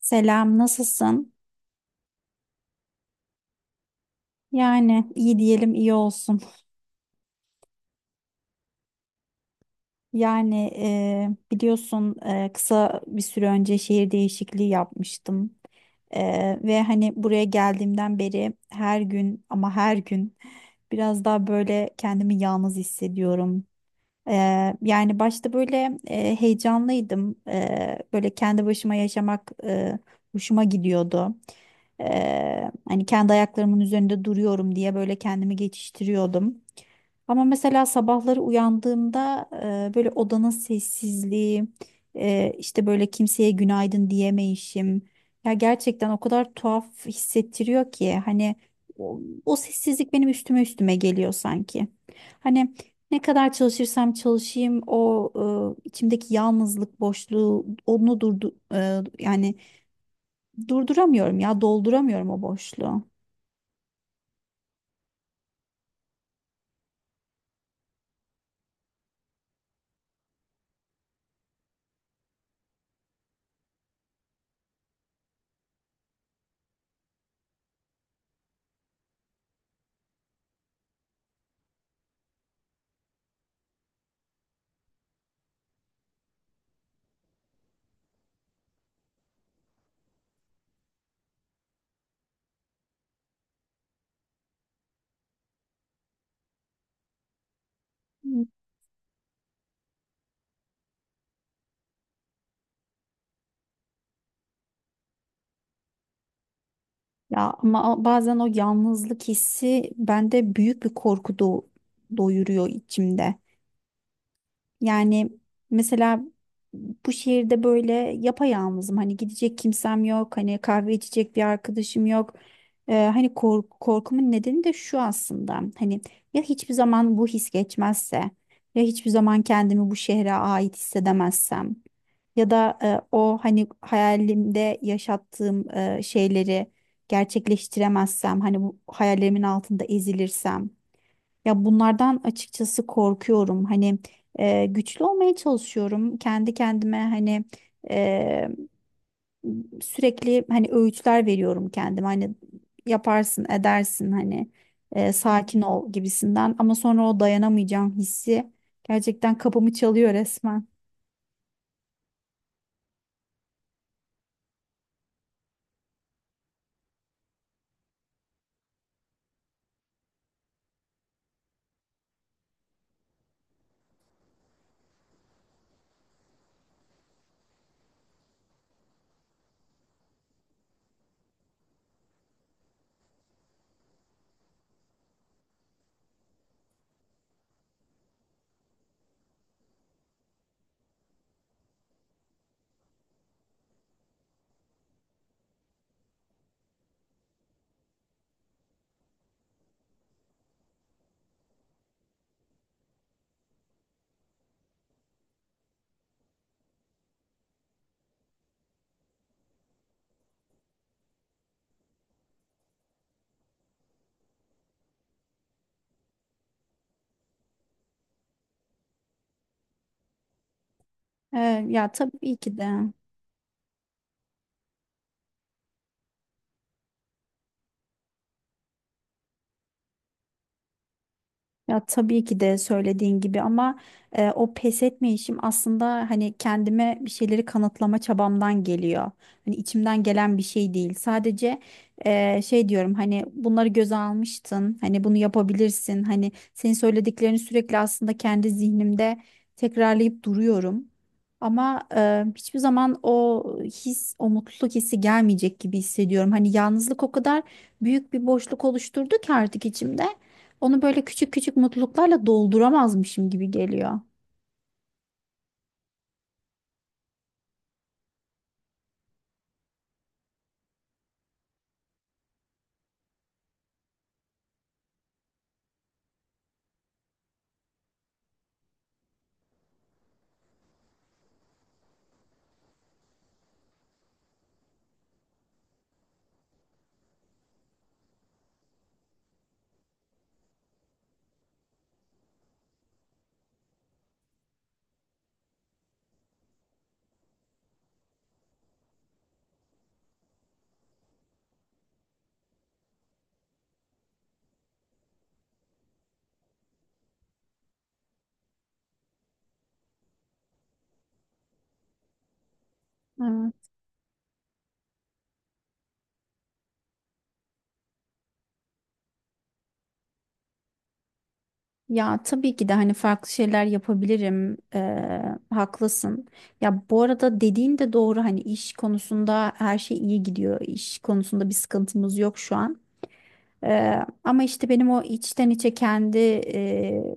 Selam, nasılsın? Yani iyi diyelim iyi olsun. Yani biliyorsun kısa bir süre önce şehir değişikliği yapmıştım. Ve hani buraya geldiğimden beri her gün ama her gün biraz daha böyle kendimi yalnız hissediyorum. E, yani başta böyle heyecanlıydım. Böyle kendi başıma yaşamak hoşuma gidiyordu. Hani kendi ayaklarımın üzerinde duruyorum diye böyle kendimi geçiştiriyordum. Ama mesela sabahları uyandığımda böyle odanın sessizliği, işte böyle kimseye günaydın diyemeyişim. Ya gerçekten o kadar tuhaf hissettiriyor ki hani o, o sessizlik benim üstüme üstüme geliyor sanki. Hani ne kadar çalışırsam çalışayım o içimdeki yalnızlık boşluğu onu yani durduramıyorum ya dolduramıyorum o boşluğu. Ya ama bazen o yalnızlık hissi bende büyük bir korku doyuruyor içimde. Yani mesela bu şehirde böyle yapayalnızım. Hani gidecek kimsem yok. Hani kahve içecek bir arkadaşım yok. Hani korkumun nedeni de şu aslında. Hani ya hiçbir zaman bu his geçmezse ya hiçbir zaman kendimi bu şehre ait hissedemezsem. Ya da o hani hayalimde yaşattığım şeyleri gerçekleştiremezsem, hani bu hayallerimin altında ezilirsem. Ya bunlardan açıkçası korkuyorum. Hani güçlü olmaya çalışıyorum. Kendi kendime hani e, sürekli hani öğütler veriyorum kendime. Hani yaparsın, edersin, sakin ol gibisinden. Ama sonra o dayanamayacağım hissi gerçekten kapımı çalıyor resmen. E, ya tabii ki de. Ya tabii ki de söylediğin gibi ama o pes etme aslında hani kendime bir şeyleri kanıtlama çabamdan geliyor. Hani içimden gelen bir şey değil. Sadece şey diyorum hani bunları göze almıştın. Hani bunu yapabilirsin. Hani senin söylediklerini sürekli aslında kendi zihnimde tekrarlayıp duruyorum. Ama hiçbir zaman o his, o mutluluk hissi gelmeyecek gibi hissediyorum. Hani yalnızlık o kadar büyük bir boşluk oluşturdu ki artık içimde. Onu böyle küçük küçük mutluluklarla dolduramazmışım gibi geliyor. Evet. Ya tabii ki de hani farklı şeyler yapabilirim. Haklısın. Ya bu arada dediğin de doğru hani iş konusunda her şey iyi gidiyor. İş konusunda bir sıkıntımız yok şu an. Ama işte benim o içten içe kendi eee,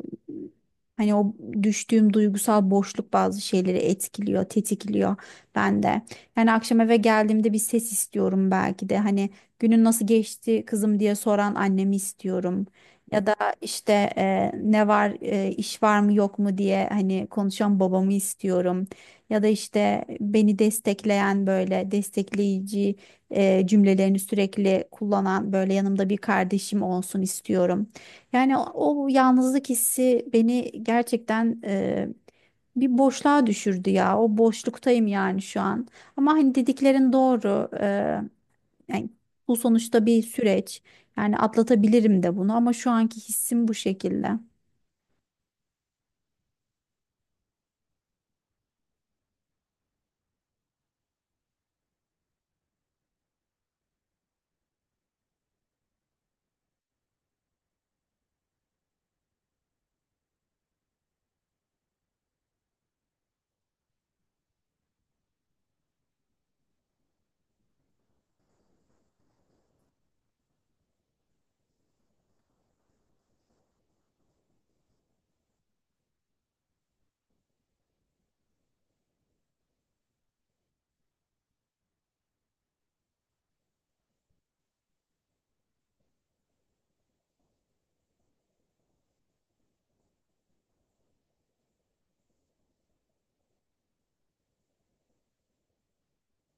hani o düştüğüm duygusal boşluk bazı şeyleri etkiliyor, tetikliyor bende. Yani akşam eve geldiğimde bir ses istiyorum belki de hani günün nasıl geçti kızım diye soran annemi istiyorum. Ya da işte ne var iş var mı yok mu diye hani konuşan babamı istiyorum. Ya da işte beni destekleyen böyle destekleyici cümlelerini sürekli kullanan böyle yanımda bir kardeşim olsun istiyorum. Yani o yalnızlık hissi beni gerçekten bir boşluğa düşürdü ya. O boşluktayım yani şu an. Ama hani dediklerin doğru. Yani bu sonuçta bir süreç. Yani atlatabilirim de bunu ama şu anki hissim bu şekilde.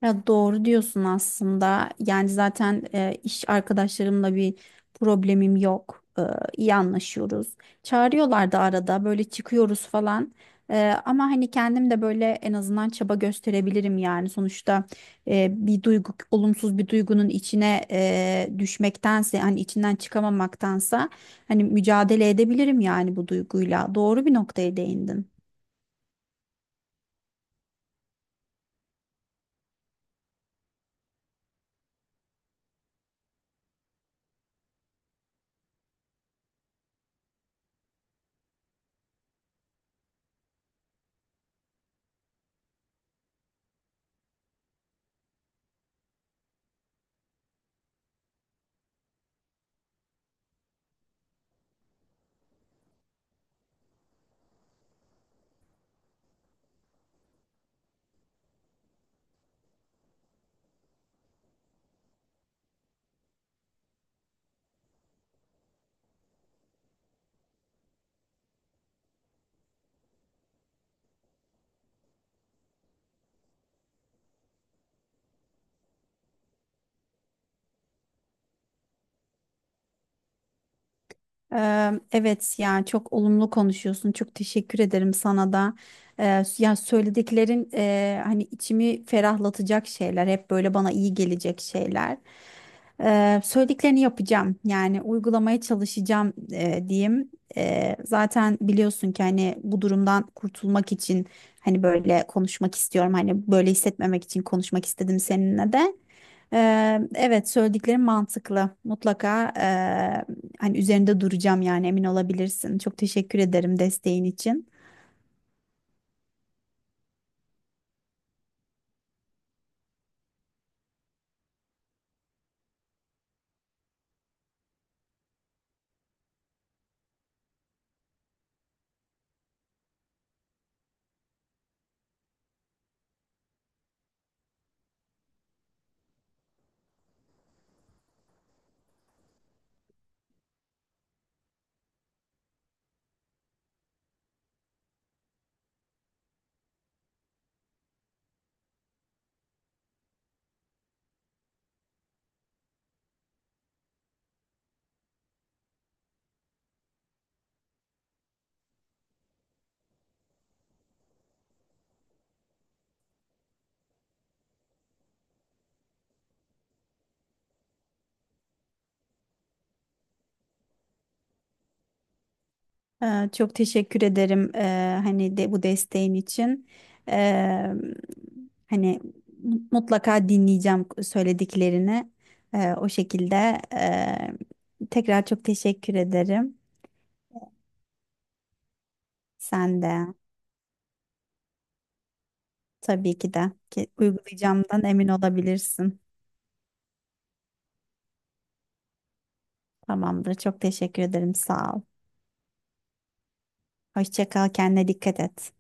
Ya doğru diyorsun aslında. Yani zaten iş arkadaşlarımla bir problemim yok. E, iyi anlaşıyoruz. Çağırıyorlar da arada böyle çıkıyoruz falan. E, ama hani kendim de böyle en azından çaba gösterebilirim yani. Sonuçta bir duygu, olumsuz bir duygunun içine düşmektense hani içinden çıkamamaktansa hani mücadele edebilirim yani bu duyguyla. Doğru bir noktaya değindin. Evet yani çok olumlu konuşuyorsun. Çok teşekkür ederim sana da. Yani söylediklerin hani içimi ferahlatacak şeyler, hep böyle bana iyi gelecek şeyler. Söylediklerini yapacağım. Yani uygulamaya çalışacağım diyeyim. Zaten biliyorsun ki hani bu durumdan kurtulmak için hani böyle konuşmak istiyorum. Hani böyle hissetmemek için konuşmak istedim seninle de. Eee, evet söylediklerim mantıklı. Mutlaka hani üzerinde duracağım yani emin olabilirsin. Çok teşekkür ederim desteğin için. Çok teşekkür ederim hani de bu desteğin için. Ee, hani mutlaka dinleyeceğim söylediklerini. O şekilde tekrar çok teşekkür ederim. Sen de tabii ki de ki uygulayacağımdan emin olabilirsin. Tamamdır. Çok teşekkür ederim. Sağ ol. Hoşça kal. Kendine dikkat et.